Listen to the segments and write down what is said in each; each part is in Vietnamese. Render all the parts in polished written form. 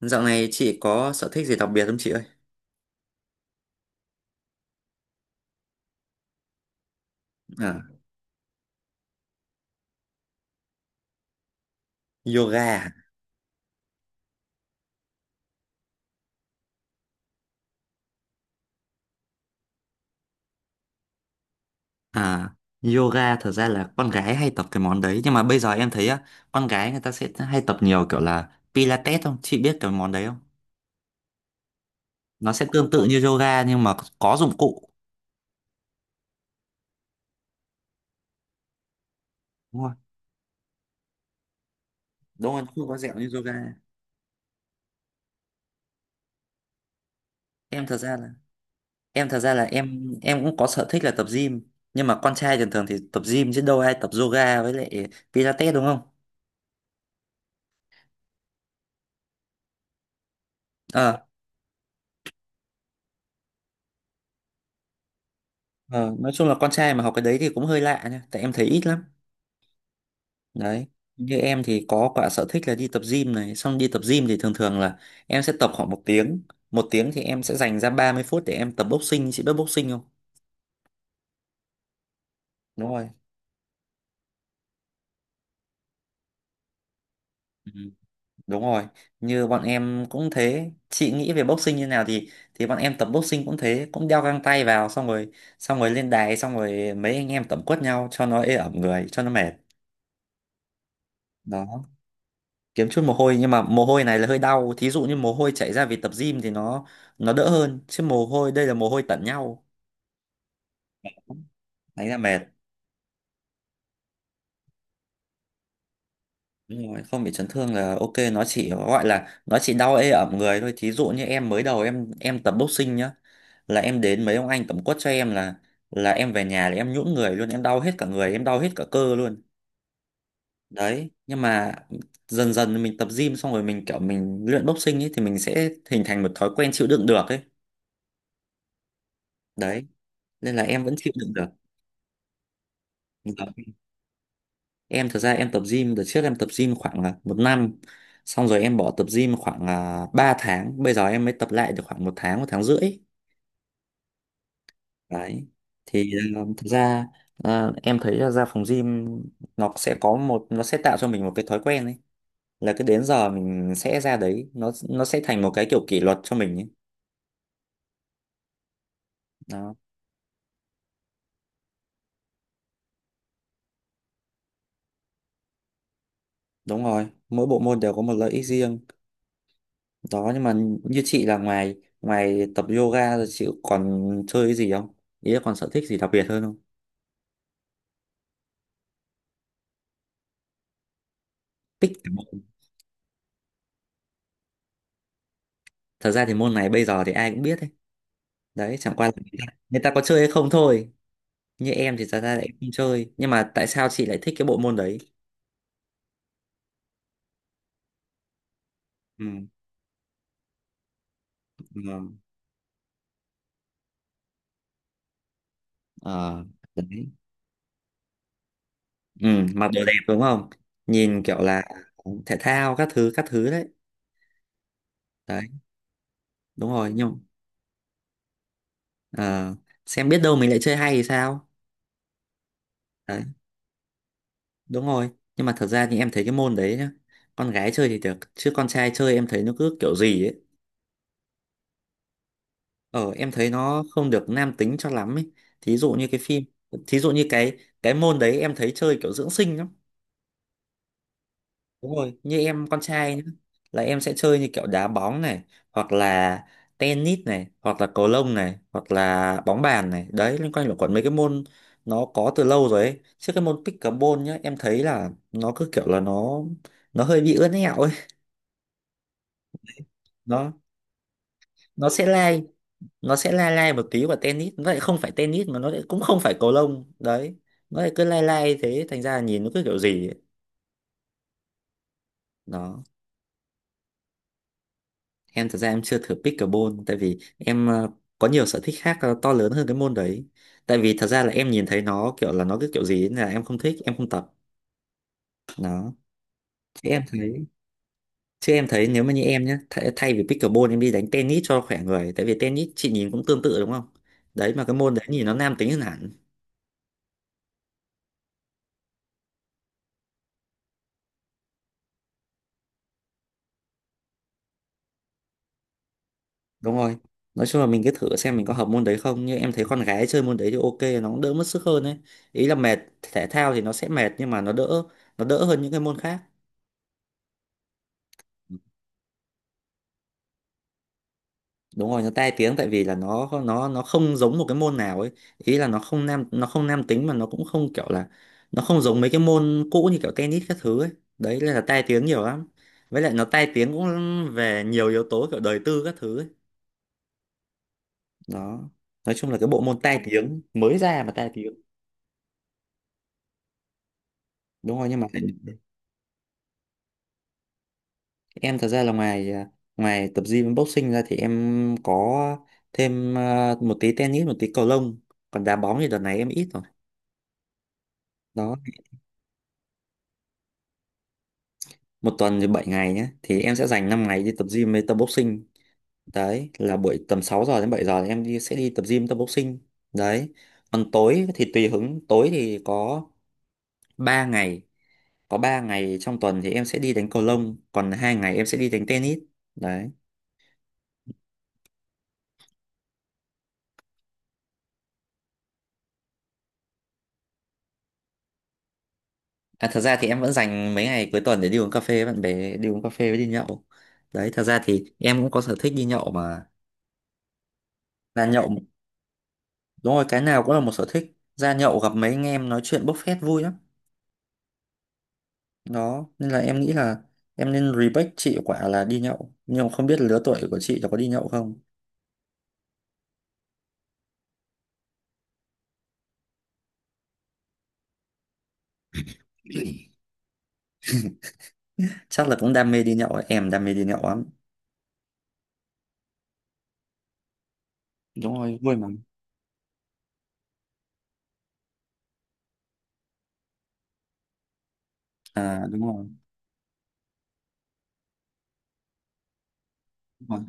Dạo này chị có sở thích gì đặc biệt không chị ơi? À, yoga. À? À, yoga thật ra là con gái hay tập cái món đấy nhưng mà bây giờ em thấy á, con gái người ta sẽ hay tập nhiều kiểu là Pilates không? Chị biết cái món đấy không? Nó sẽ tương tự như yoga nhưng mà có dụng cụ. Đúng rồi. Đúng rồi, không có dẻo như yoga. Em thật ra là em thật ra là em cũng có sở thích là tập gym, nhưng mà con trai thường thường thì tập gym chứ đâu ai tập yoga với lại Pilates đúng không? Ờ, ờ, nói chung là con trai mà học cái đấy thì cũng hơi lạ nha, tại em thấy ít lắm. Đấy, như em thì có cả sở thích là đi tập gym này, xong đi tập gym thì thường thường là em sẽ tập khoảng 1 tiếng. Một tiếng thì em sẽ dành ra 30 phút để em tập boxing, chị biết boxing không? Đúng rồi. Ừ. Đúng rồi, như bọn em cũng thế, chị nghĩ về boxing như nào thì bọn em tập boxing cũng thế, cũng đeo găng tay vào xong rồi, xong rồi lên đài xong rồi mấy anh em tẩm quất nhau cho nó ê ẩm người cho nó mệt. Đó, kiếm chút mồ hôi nhưng mà mồ hôi này là hơi đau, thí dụ như mồ hôi chảy ra vì tập gym thì nó đỡ hơn, chứ mồ hôi đây là mồ hôi tẩn nhau, đánh là mệt. Đúng rồi, không bị chấn thương là ok, nó chỉ gọi là nó chỉ đau ê ẩm người thôi. Thí dụ như em mới đầu em tập boxing nhá, là em đến mấy ông anh tẩm quất cho em, là em về nhà là em nhũn người luôn, em đau hết cả người, em đau hết cả cơ luôn. Đấy, nhưng mà dần dần mình tập gym xong rồi mình kiểu mình luyện boxing ấy thì mình sẽ hình thành một thói quen chịu đựng được ấy. Đấy, nên là em vẫn chịu đựng được. Vâng. Em thật ra em tập gym đợt trước em tập gym khoảng là 1 năm, xong rồi em bỏ tập gym khoảng là 3 tháng, bây giờ em mới tập lại được khoảng 1 tháng 1 tháng rưỡi. Đấy, thì thật ra em thấy là ra phòng gym nó sẽ tạo cho mình một cái thói quen ấy, là cứ đến giờ mình sẽ ra đấy, nó sẽ thành một cái kiểu kỷ luật cho mình ấy. Đó, đúng rồi, mỗi bộ môn đều có một lợi ích riêng. Đó, nhưng mà như chị là ngoài ngoài tập yoga rồi chị còn chơi cái gì không, ý là còn sở thích gì đặc biệt hơn không? Pick cái môn. Thật ra thì môn này bây giờ thì ai cũng biết đấy. Đấy, chẳng qua là người ta có chơi hay không thôi. Như em thì thật ra lại không chơi. Nhưng mà tại sao chị lại thích cái bộ môn đấy? Ừ. Ừ. Ờ, đấy. Ừ, mặc đồ đẹp đúng không? Nhìn kiểu là thể thao, các thứ đấy. Đấy, đúng rồi. Nhưng ờ, xem biết đâu mình lại chơi hay thì sao? Đấy, đúng rồi. Nhưng mà thật ra thì em thấy cái môn đấy nhá. Con gái chơi thì được, chứ con trai chơi em thấy nó cứ kiểu gì ấy. Ờ, em thấy nó không được nam tính cho lắm ấy. Thí dụ như cái phim, thí dụ như cái môn đấy em thấy chơi kiểu dưỡng sinh lắm. Đúng rồi, như em con trai nhá, là em sẽ chơi như kiểu đá bóng này, hoặc là tennis này, hoặc là cầu lông này, hoặc là bóng bàn này. Đấy, liên quan luẩn quẩn mấy cái môn nó có từ lâu rồi ấy. Chứ cái môn pickleball nhá, em thấy là nó cứ kiểu là nó hơi bị ướn ẹo ấy. Nó nó sẽ lai, nó sẽ lai lai một tí vào tennis vậy, không phải tennis mà nó lại cũng không phải cầu lông đấy, nó lại cứ lai lai thế thành ra là nhìn nó cứ kiểu gì ấy. Đó, em thật ra em chưa thử pickleball, tại vì em có nhiều sở thích khác to lớn hơn cái môn đấy, tại vì thật ra là em nhìn thấy nó kiểu là nó cứ kiểu gì ấy, nên là em không thích em không tập. Đó, chứ em thấy chứ em thấy nếu mà như em nhé, thay vì pickleball em đi đánh tennis cho khỏe người, tại vì tennis chị nhìn cũng tương tự đúng không? Đấy, mà cái môn đấy nhìn nó nam tính hơn hẳn. Đúng rồi, nói chung là mình cứ thử xem mình có hợp môn đấy không, nhưng em thấy con gái chơi môn đấy thì ok, nó cũng đỡ mất sức hơn ấy. Ý là mệt, thể thao thì nó sẽ mệt nhưng mà nó đỡ hơn những cái môn khác. Đúng rồi, nó tai tiếng tại vì là nó không giống một cái môn nào ấy, ý là nó không nam tính mà nó cũng không kiểu là nó không giống mấy cái môn cũ như kiểu tennis các thứ ấy. Đấy nên là tai tiếng nhiều lắm. Với lại nó tai tiếng cũng về nhiều yếu tố kiểu đời tư các thứ ấy. Đó, nói chung là cái bộ môn tai tiếng mới ra mà tai tiếng. Đúng rồi, nhưng mà em thật ra là ngoài tập gym với boxing ra thì em có thêm một tí tennis, một tí cầu lông. Còn đá bóng thì đợt này em ít rồi. Đó, một tuần thì 7 ngày nhé. Thì em sẽ dành 5 ngày đi tập gym với tập boxing. Đấy, là buổi tầm 6 giờ đến 7 giờ thì em sẽ đi tập gym tập boxing. Đấy. Còn tối thì tùy hứng, tối thì có 3 ngày. Có 3 ngày trong tuần thì em sẽ đi đánh cầu lông, còn 2 ngày em sẽ đi đánh tennis. Đấy. À, thật ra thì em vẫn dành mấy ngày cuối tuần để đi uống cà phê với bạn bè, đi uống cà phê với đi nhậu. Đấy, thật ra thì em cũng có sở thích đi nhậu mà. Ra nhậu, đúng rồi, cái nào cũng là một sở thích. Ra nhậu gặp mấy anh em nói chuyện bốc phét vui lắm. Đó, nên là em nghĩ là em nên respect chị quả là đi nhậu. Nhưng mà không biết lứa tuổi của chị là có đi nhậu không? Chắc là cũng đam mê đi nhậu, ấy. Em đam mê đi nhậu lắm. Đúng rồi, vui mà. À, đúng rồi,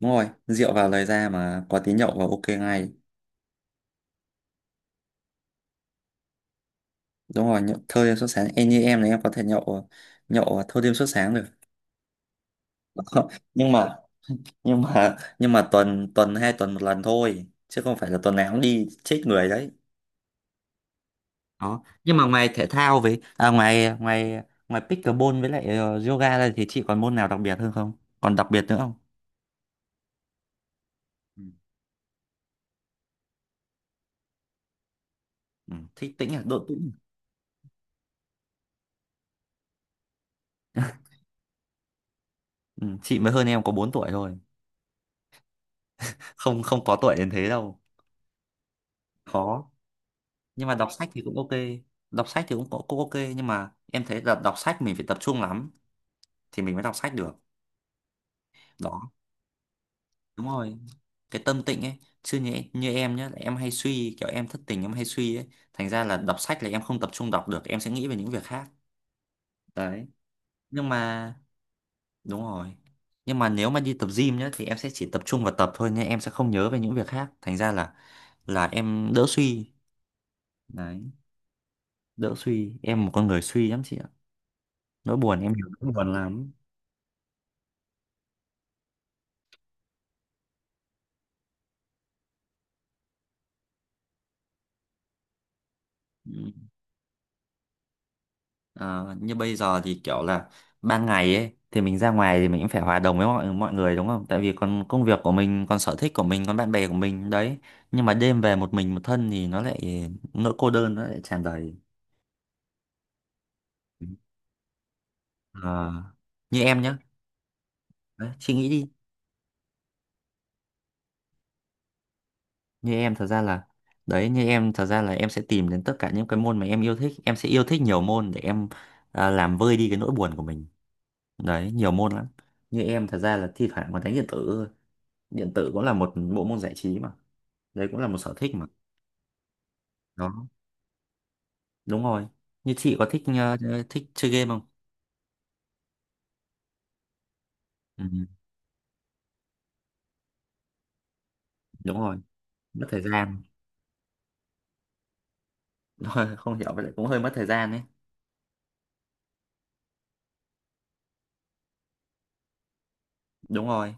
đúng rồi. Rượu vào lời ra mà có tí nhậu vào ok ngay. Đúng rồi, nhậu thâu đêm suốt sáng, em như em này em có thể nhậu nhậu thâu đêm suốt sáng được. nhưng mà nhưng mà tuần tuần, 2 tuần 1 lần thôi chứ không phải là tuần nào cũng đi chết người đấy. Đó, nhưng mà ngoài thể thao với ngoài ngoài ngoài pickleball với lại yoga ra thì chị còn môn nào đặc biệt hơn không, còn đặc biệt nữa không? Ừ. Ừ, thích tĩnh, à, độ tĩnh. Ừ, chị mới hơn em có 4 tuổi thôi, không không có tuổi đến thế đâu, khó. Nhưng mà đọc sách thì cũng ok, đọc sách thì cũng cũng cũng ok, nhưng mà em thấy là đọc sách mình phải tập trung lắm thì mình mới đọc sách được. Đó, đúng rồi, cái tâm tịnh ấy, chứ như em nhá, em hay suy, kiểu em thất tình em hay suy ấy thành ra là đọc sách là em không tập trung đọc được, em sẽ nghĩ về những việc khác. Đấy, nhưng mà đúng rồi, nhưng mà nếu mà đi tập gym nhá thì em sẽ chỉ tập trung vào tập thôi, nhưng em sẽ không nhớ về những việc khác, thành ra là em đỡ suy. Đấy, đỡ suy, em một con người suy lắm chị ạ, nỗi buồn em nhiều, nỗi buồn lắm. Ừ. Ờ, như bây giờ thì kiểu là ban ngày ấy thì mình ra ngoài thì mình cũng phải hòa đồng với mọi mọi người đúng không? Tại vì còn công việc của mình, còn sở thích của mình, còn bạn bè của mình đấy. Nhưng mà đêm về một mình một thân thì nó lại nỗi cô đơn nó lại tràn đầy. Ờ, như em nhá, đấy, suy nghĩ đi. Như em thật ra là đấy như em thật ra là em sẽ tìm đến tất cả những cái môn mà em yêu thích. Em sẽ yêu thích nhiều môn để em làm vơi đi cái nỗi buồn của mình. Đấy, nhiều môn lắm. Như em thật ra là thi thoảng còn đánh điện tử thôi. Điện tử cũng là một bộ môn giải trí mà, đấy cũng là một sở thích mà. Đó, đúng rồi, như chị có thích thích chơi game không? Ừ, đúng rồi, mất thời gian. Đúng rồi, không hiểu vậy cũng hơi mất thời gian đấy. Đúng rồi,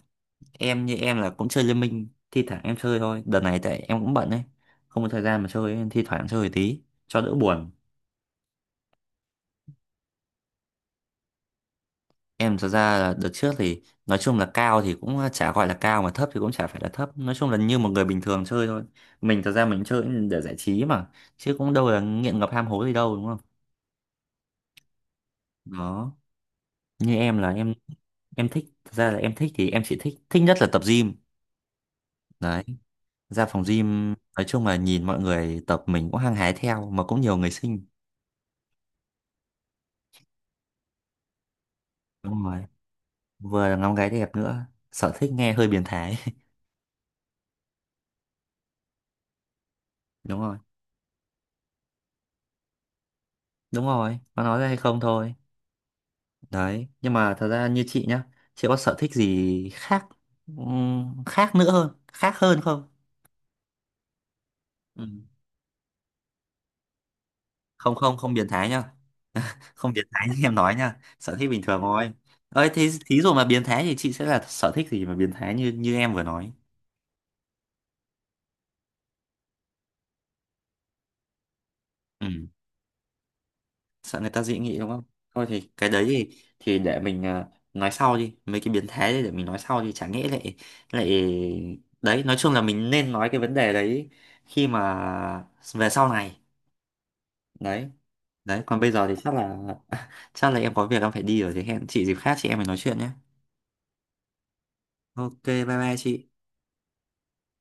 em như em là cũng chơi Liên Minh, thi thoảng em chơi thôi, đợt này tại em cũng bận đấy, không có thời gian mà chơi nên thi thoảng chơi tí cho đỡ buồn. Em thật ra là đợt trước thì nói chung là cao thì cũng chả gọi là cao mà thấp thì cũng chả phải là thấp, nói chung là như một người bình thường chơi thôi. Mình thật ra mình chơi để giải trí mà, chứ cũng đâu là nghiện ngập ham hố gì đâu đúng không? Đó, như em là em thích, thật ra là em thích thì em chỉ thích thích nhất là tập gym. Đấy, ra phòng gym nói chung là nhìn mọi người tập mình cũng hăng hái theo, mà cũng nhiều người xinh. Đúng rồi, vừa là ngắm gái đẹp nữa. Sở thích nghe hơi biến thái. Đúng rồi, đúng rồi, có nói ra hay không thôi. Đấy, nhưng mà thật ra như chị nhá, chị có sở thích gì khác, khác nữa hơn, khác hơn không? Ừ. Không không không biến thái nhá, không biến thái như em nói nha, sở thích bình thường thôi. Ơi thế thí dụ mà biến thái thì chị sẽ là sở thích gì mà biến thái như như em vừa nói? Ừ, sợ người ta dị nghị đúng không? Thôi thì cái đấy thì để mình nói sau đi, mấy cái biến thái đấy để mình nói sau đi, chả nghĩ lại lại. Đấy, nói chung là mình nên nói cái vấn đề đấy khi mà về sau này. Đấy. Đấy, còn bây giờ thì chắc là chắc là em có việc em phải đi rồi, thì hẹn chị dịp khác chị em mình nói chuyện nhé. Ok bye bye chị.